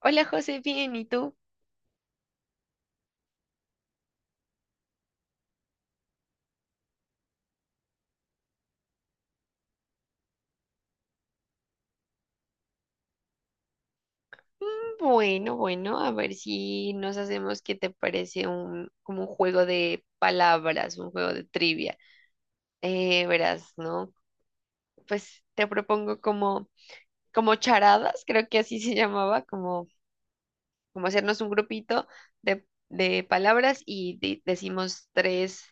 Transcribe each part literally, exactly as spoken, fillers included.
Hola José, bien, ¿y tú? "Mm, Bueno, bueno, a ver si nos hacemos, ¿qué te parece un, como un juego de palabras, un juego de trivia? Eh, verás, ¿no? Pues te propongo como, como, charadas, creo que así se llamaba, como, como, hacernos un grupito de, de palabras y de- decimos tres,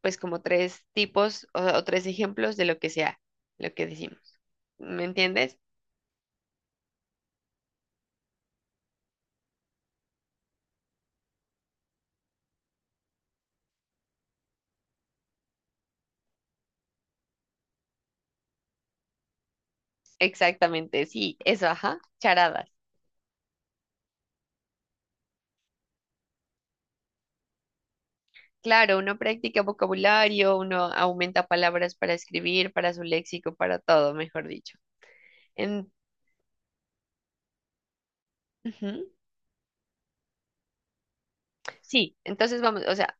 pues como tres tipos o, o tres ejemplos de lo que sea, lo que decimos. ¿Me entiendes? Exactamente, sí, eso, ajá, charadas. Claro, uno practica vocabulario, uno aumenta palabras para escribir, para su léxico, para todo, mejor dicho. En- Ujú. Sí, entonces vamos, o sea,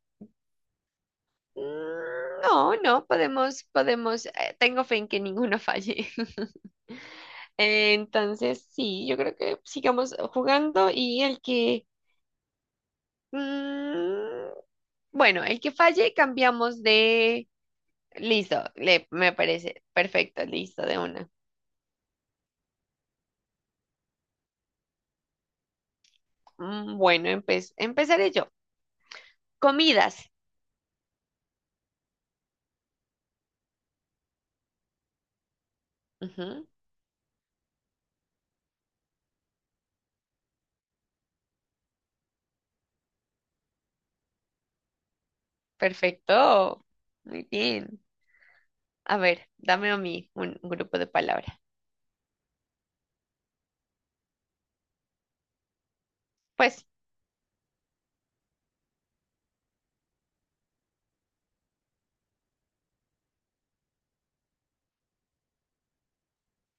mm, no, no, podemos, podemos, eh, tengo fe en que ninguno falle. Entonces, sí, yo creo que sigamos jugando y el que, mm, bueno, el que falle cambiamos de, listo, le, me parece perfecto, listo, de una. Mm, Bueno, empe- empezaré yo. Comidas. Ujú. Perfecto. Muy bien. A ver, dame a mí un grupo de palabras. Pues,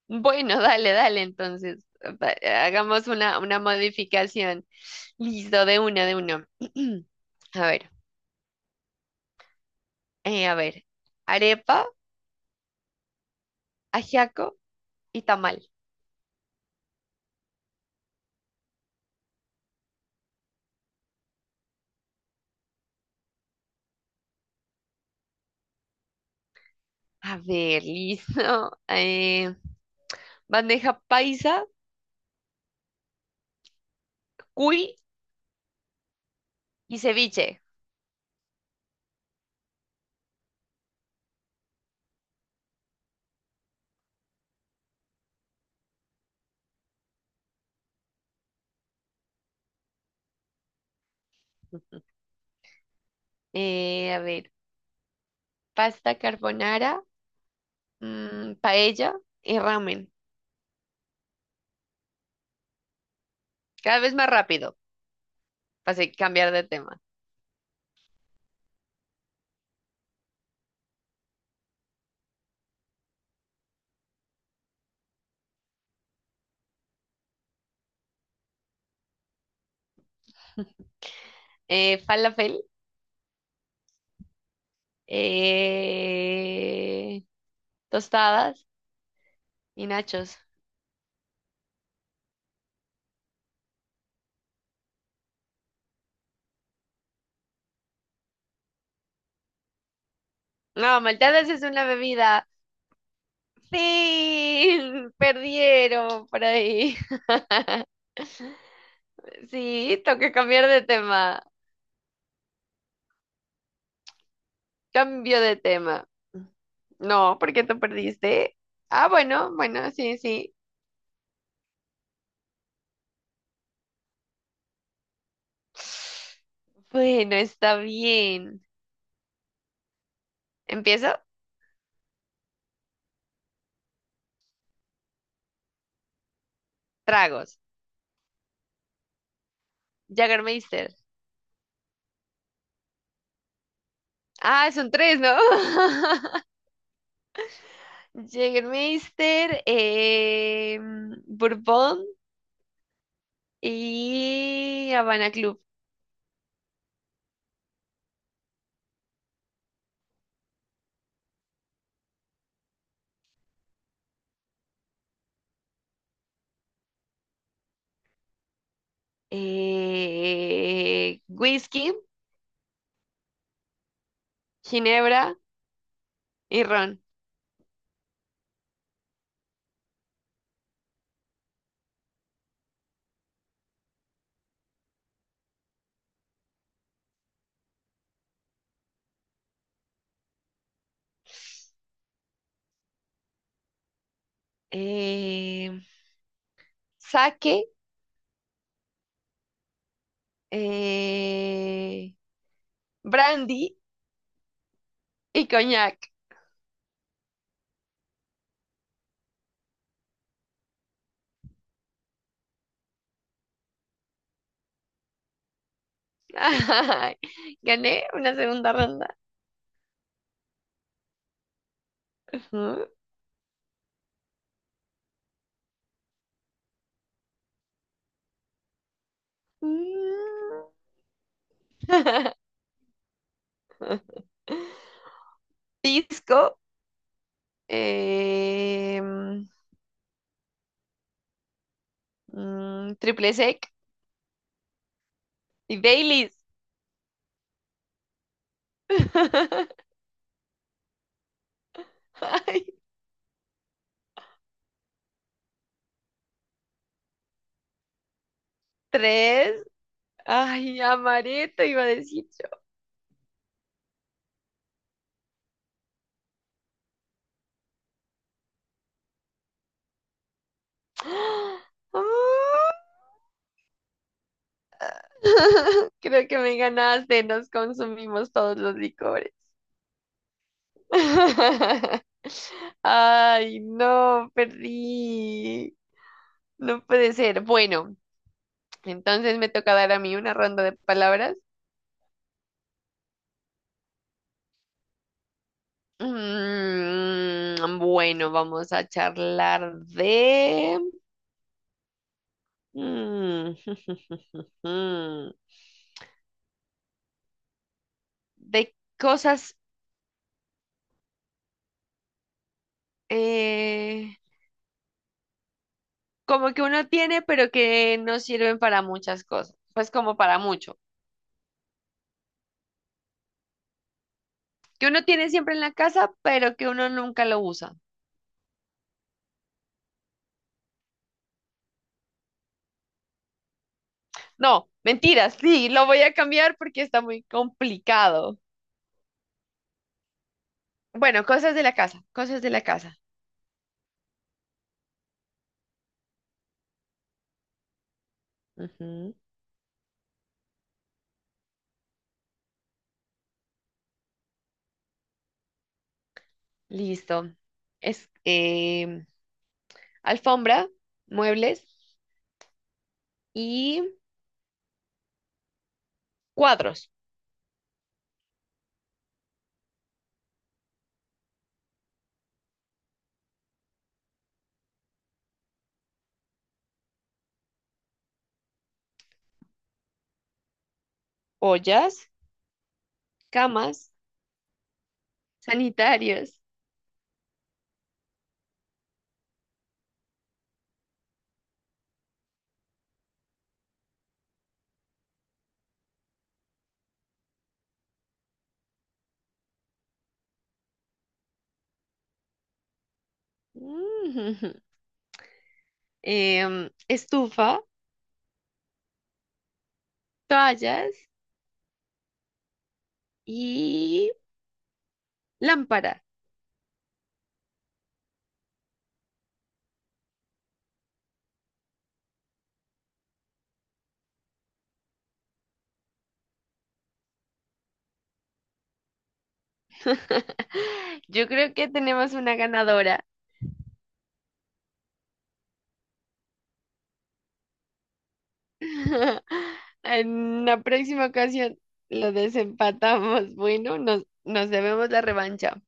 bueno, dale, dale, entonces. va- Hagamos una, una modificación. Listo, de una de uno. A ver, eh, a ver. Arepa, ajiaco y tamal. A ver, listo. Eh, bandeja paisa, cuy y ceviche. Eh, a ver, pasta carbonara, mm, paella y ramen. Cada vez más rápido. pasé, cambiar de tema. Eh, falafel, eh, tostadas y nachos. No, malteadas es una bebida. Fin, perdieron por ahí. Sí, toca cambiar de tema. Cambio de tema. No, porque tú perdiste. Ah, bueno, bueno, sí, sí. Bueno, está bien. Empiezo. Tragos. Jägermeister. Ah, son tres, ¿no? Jägermeister, eh, Bourbon y Habana Club. Eh, whisky, ginebra y ron. Eh, Sake, eh, brandy y coñac. Ay, gané una segunda ronda. Ujú. Mm. Pisco, eh, mm, triple sec y Baileys. Ay, tres. Ay, amareto iba a decir yo. Ah, creo que me ganaste, nos consumimos todos los licores. Ay, no, perdí. No puede ser. Bueno, entonces me toca dar a mí una ronda de palabras. Mm, bueno, vamos a charlar de... Mm, de cosas eh, como que uno tiene, pero que no sirven para muchas cosas, pues como para mucho. Que uno tiene siempre en la casa, pero que uno nunca lo usa. No, mentiras, sí, lo voy a cambiar porque está muy complicado. Bueno, cosas de la casa, cosas de la casa. Ujú. Listo. Es em, alfombra, muebles y cuadros, ollas, camas, sanitarios. Em, estufa, toallas y lámpara. Yo creo que tenemos una ganadora. En la próxima ocasión lo desempatamos. Bueno, nos, nos debemos la revancha.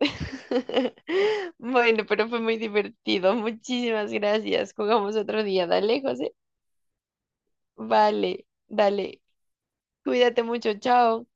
Bueno, pero fue muy divertido. Muchísimas gracias. Jugamos otro día. Dale, José. Vale, dale. Cuídate mucho. Chao.